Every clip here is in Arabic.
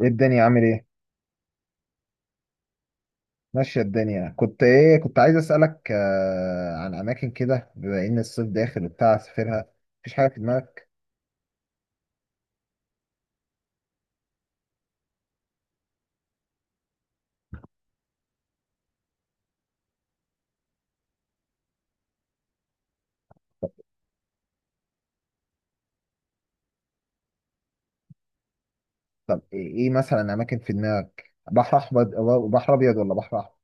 ايه الدنيا عامل ايه؟ ماشية الدنيا. كنت عايز اسألك عن اماكن كده بما ان الصيف داخل وبتاع اسافرها. مفيش حاجة في دماغك؟ طب ايه. مثلا اماكن في دماغك، بحر احمر، بحر ابيض ولا بحر احمر؟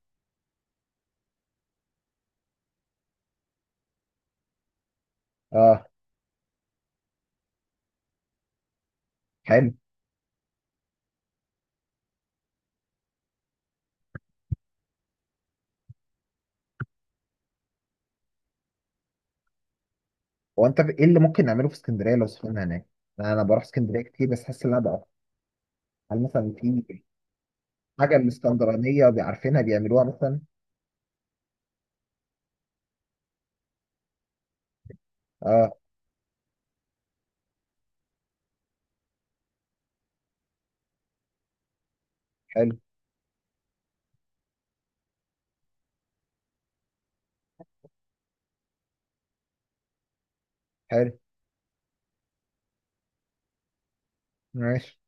اه، حلو. هو انت ايه اللي ممكن نعمله في اسكندرية لو سافرنا هناك؟ أنا بروح اسكندرية كتير، بس حاسس ان انا بقى هل مثلا في حاجة الاسكندرانية بيعرفينها بيعملوها مثلا؟ اه. حلو، حلو. ماشي.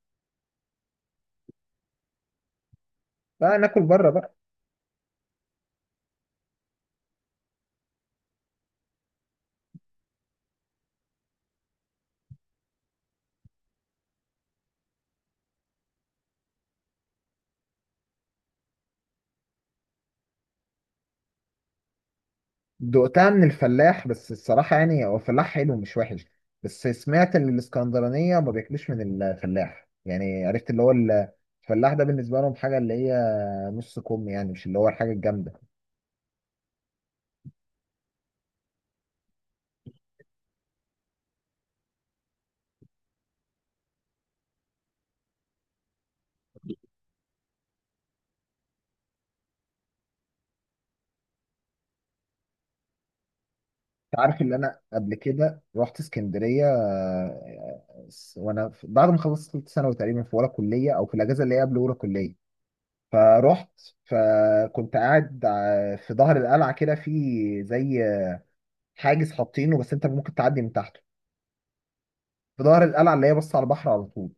بقى ناكل بره بقى. دقتها من الفلاح بس الصراحة يعني هو فلاح حلو، مش وحش. بس سمعت ان الاسكندرانية ما بياكلوش من الفلاح، يعني عرفت اللي هو الفلاح ده بالنسبة لهم حاجة اللي هي نص كم، يعني مش اللي هو الحاجة الجامدة. انت عارف اللي انا قبل كده رحت اسكندرية، بعد ما خلصت ثالثة ثانوي تقريبا، في اولى كلية او في الاجازة اللي هي قبل اولى كلية، فرحت. فكنت قاعد في ظهر القلعة كده، في زي حاجز حاطينه بس انت ممكن تعدي من تحته، في ظهر القلعه اللي هي بص على البحر على طول،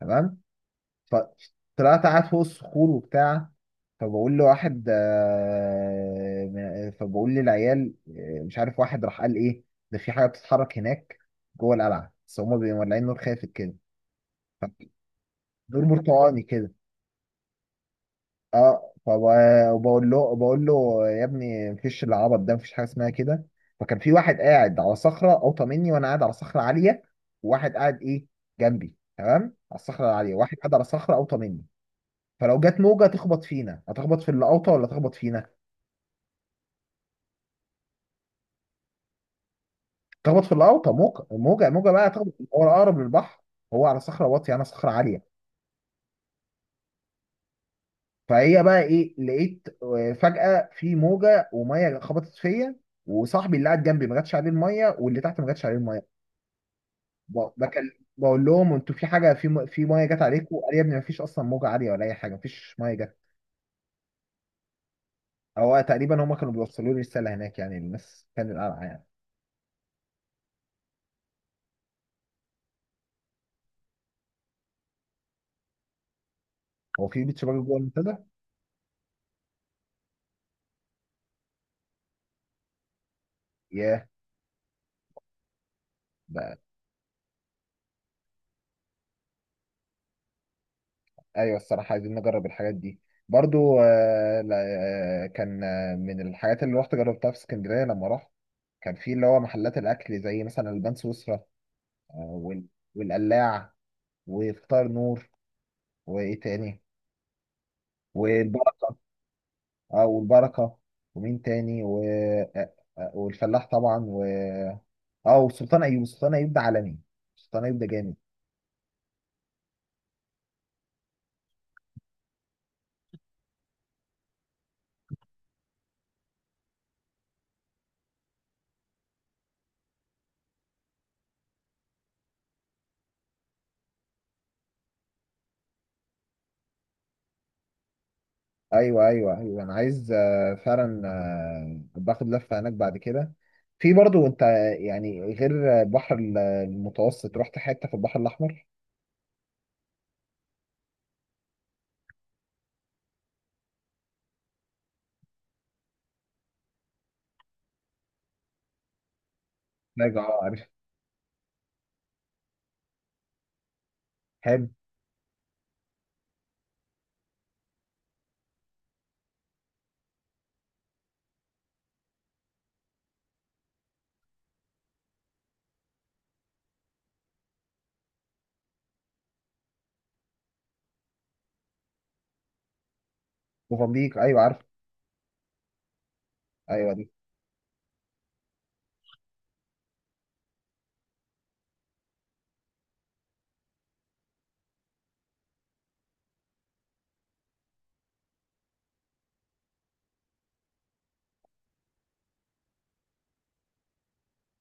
تمام؟ فطلعت قاعد فوق الصخور وبتاع. فبقول للعيال، مش عارف، واحد راح قال ايه: ده في حاجه بتتحرك هناك جوه القلعه، بس هما بيبقوا مولعين نور خافت كده، دور برتقاني كده. اه. وبقول له يا ابني مفيش، العبط ده مفيش حاجه اسمها كده. فكان في واحد قاعد على صخره اوطى مني، وانا قاعد على صخره عاليه، وواحد قاعد جنبي، تمام، على الصخره العاليه، واحد قاعد على صخره اوطى مني. فلو جت موجه تخبط فينا، هتخبط في اللي اوطى ولا تخبط فينا؟ تخبط في اللي اوطى، موجه موجه موجه بقى تخبط، هو اقرب للبحر، هو على صخره واطيه، انا صخره عاليه. فهي بقى ايه، لقيت فجاه في موجه وميه خبطت فيا، وصاحبي اللي قاعد جنبي ما جاتش عليه الميه، واللي تحت ما جاتش عليه الميه. ب- بكل بقول لهم انتوا في حاجه، في ميه جت عليكم؟ قال لي يا ابني ما فيش اصلا موجه عاليه ولا اي حاجه، ما فيش ميه جت. هو تقريبا هم كانوا بيوصلوا لي رساله هناك، يعني الناس كانت قلقانه يعني. هو في بيتش باجي جوه المنتدى؟ ياه. ده ايوه، الصراحه عايزين نجرب الحاجات دي. برضو لا، كان من الحاجات اللي رحت جربتها في اسكندريه لما رحت، كان في اللي هو محلات الاكل، زي مثلا البان سويسرا، آه وال- والقلاع، وفطار نور، وايه تاني، او البركه، ومين تاني والفلاح طبعا، اه، وسلطان ايوب. سلطان ايوب ده عالمي، سلطان ايوب ده جامد. ايوه، ايوه، ايوه، انا عايز فعلا باخد لفه هناك بعد كده. في برضو انت، يعني غير البحر المتوسط، رحت حته في البحر الاحمر؟ لا اه عارف. حلو. موزمبيق ايوه عارف. ايوه دي.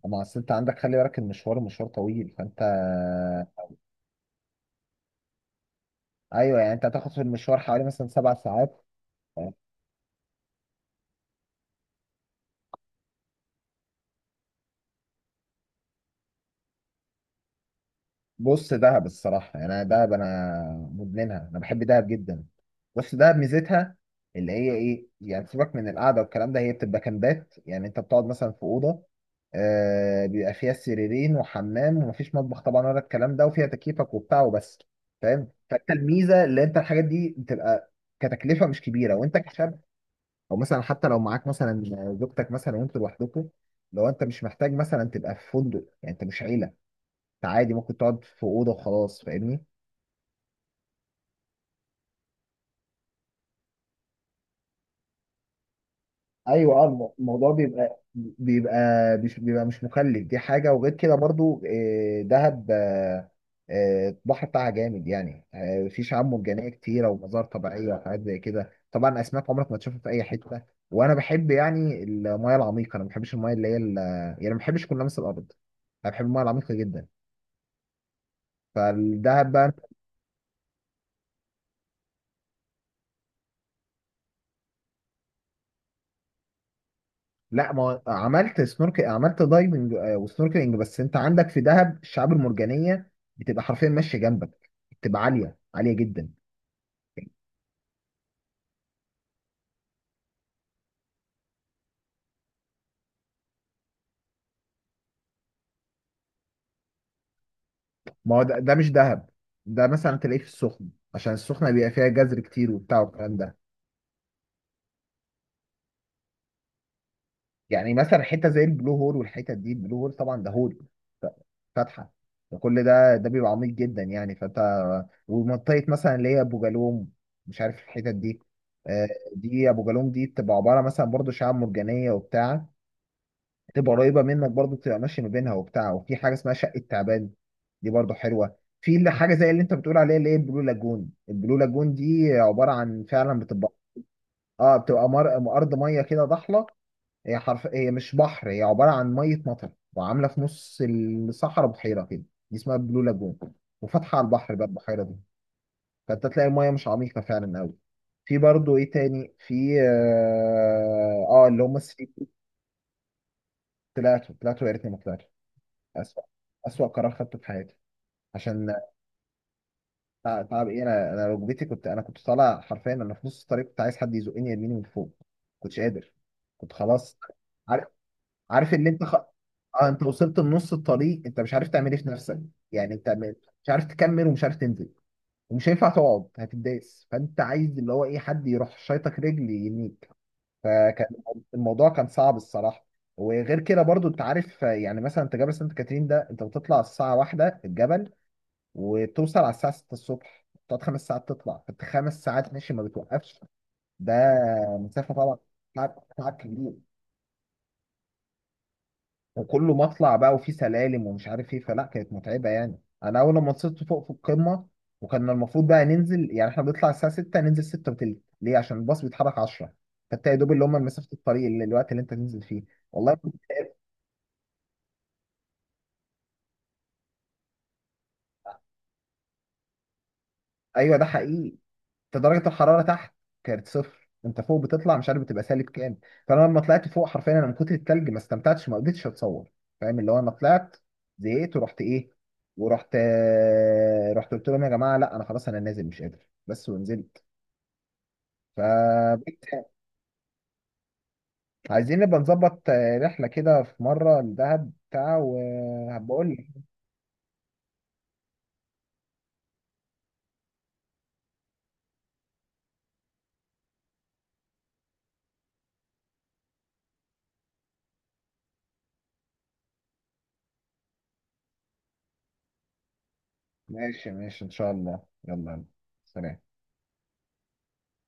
اما اصل انت عندك، خلي بالك المشوار مشوار طويل، فانت ايوه، يعني انت هتاخد في المشوار حوالي مثلا 7 ساعات. بص دهب، الصراحة يعني أنا دهب أنا مدمنها، أنا بحب دهب جدا. بص دهب ميزتها اللي هي إيه، يعني سيبك من القعدة والكلام ده، هي بتبقى كامبات، يعني أنت بتقعد مثلا في أوضة، آه، بيبقى فيها سريرين وحمام ومفيش مطبخ طبعا ولا الكلام ده، وفيها تكييفك وبتاع وبس، فاهم؟ فأنت الميزة اللي أنت الحاجات دي بتبقى كتكلفة مش كبيرة، وأنت كشاب، أو مثلا حتى لو معاك مثلا زوجتك مثلا وأنتوا لوحدكم، لو أنت مش محتاج مثلا تبقى في فندق، يعني أنت مش عيلة، عادي ممكن تقعد في اوضه وخلاص، فاهمني؟ ايوه، اه، الموضوع بيبقى مش مكلف، دي حاجه. وغير كده برضو دهب، البحر بتاعها جامد، يعني في شعاب مرجانيه كتيره ومزار طبيعيه وحاجات زي كده، طبعا اسماك عمرك ما تشوفها في اي حته. وانا بحب يعني المايه العميقه، انا ما بحبش المايه اللي هي يعني ما بحبش كل لمس الارض، انا بحب المايه العميقه جدا، فالدهب بقى. لا، ما هو عملت سنورك، عملت دايفنج وسنوركلينج. بس انت عندك في دهب الشعاب المرجانيه بتبقى حرفيا ماشيه جنبك، بتبقى عاليه عاليه جدا. ما هو ده, مش دهب، ده مثلا تلاقيه في السخنه، عشان السخنه بيبقى فيها جزر كتير وبتاع والكلام ده. يعني مثلا حته زي البلو هول والحتت دي، البلو هول طبعا ده هول فاتحه، فكل ده بيبقى عميق جدا يعني. فانت ومنطقه مثلا اللي هي ابو جالوم، مش عارف الحتت دي، آه، دي ابو جالوم دي بتبقى عباره مثلا برضو شعاب مرجانيه وبتاع، تبقى قريبه منك برضو، تبقى ماشي ما بينها وبتاع. وفي حاجه اسمها شقه تعبان، دي برضو حلوه. في اللي حاجه زي اللي انت بتقول عليها اللي هي البلو لاجون، البلو لاجون دي عباره عن، فعلا بتبقى، اه، بتبقى ارض ميه كده ضحله، هي حرف، هي مش بحر، هي عباره عن ميه مطر وعامله في نص الصحراء بحيره كده، دي اسمها البلو لاجون، وفاتحه على البحر بقى البحيره دي، فانت تلاقي الميه مش عميقه فعلا قوي. في برضو ايه تاني، في اللي هم الثري. طلعتوا، طلعتوا يا ريتني ما طلعت، أسوأ، أسوأ قرار خدته في حياتي. عشان تعب إيه، أنا ركبتي، كنت طالع حرفيا، أنا في نص الطريق كنت عايز حد يزقني يرميني من فوق، كنتش قادر، كنت خلاص. عارف، عارف اللي أنت خ... آه أنت وصلت لنص الطريق، أنت مش عارف تعمل إيه في نفسك، يعني مش عارف تكمل ومش عارف تنزل، ومش هينفع تقعد هتداس، فأنت عايز اللي هو إيه، حد يروح شايطك رجل ينيك. فكان الموضوع كان صعب الصراحة. وغير كده برضو انت عارف، يعني مثلا انت جبل سانت كاترين ده، انت بتطلع الساعة واحدة الجبل وتوصل على الساعة 6 الصبح، تقعد 5 ساعات تطلع، فانت 5 ساعات ماشي ما بتوقفش، ده مسافة طبعا. تعب، تعب كبير، وكله مطلع بقى وفي سلالم ومش عارف ايه، فلا كانت متعبة يعني. انا اول لما وصلت فوق في القمة، وكان المفروض بقى ننزل، يعني احنا بنطلع الساعة 6، ننزل 6 وتلت، ليه؟ عشان الباص بيتحرك 10، فانت يا دوب اللي هم مسافة الطريق اللي الوقت اللي انت تنزل فيه. والله. ايوه ده حقيقي. انت درجه الحراره تحت كانت صفر، انت فوق بتطلع، مش عارف بتبقى سالب كام. فانا لما طلعت فوق حرفيا انا من كتر التلج ما استمتعتش، ما قدرتش اتصور، فاهم؟ اللي هو انا طلعت، زهقت، ورحت ايه، ورحت آه، رحت قلت لهم يا جماعه لا انا خلاص انا نازل، مش قادر، بس، ونزلت. ف عايزين نبقى نظبط رحله كده في مره لدهب بتاع وهبقول لك. ماشي، ماشي، ان شاء الله، يلا، يلا. سلام.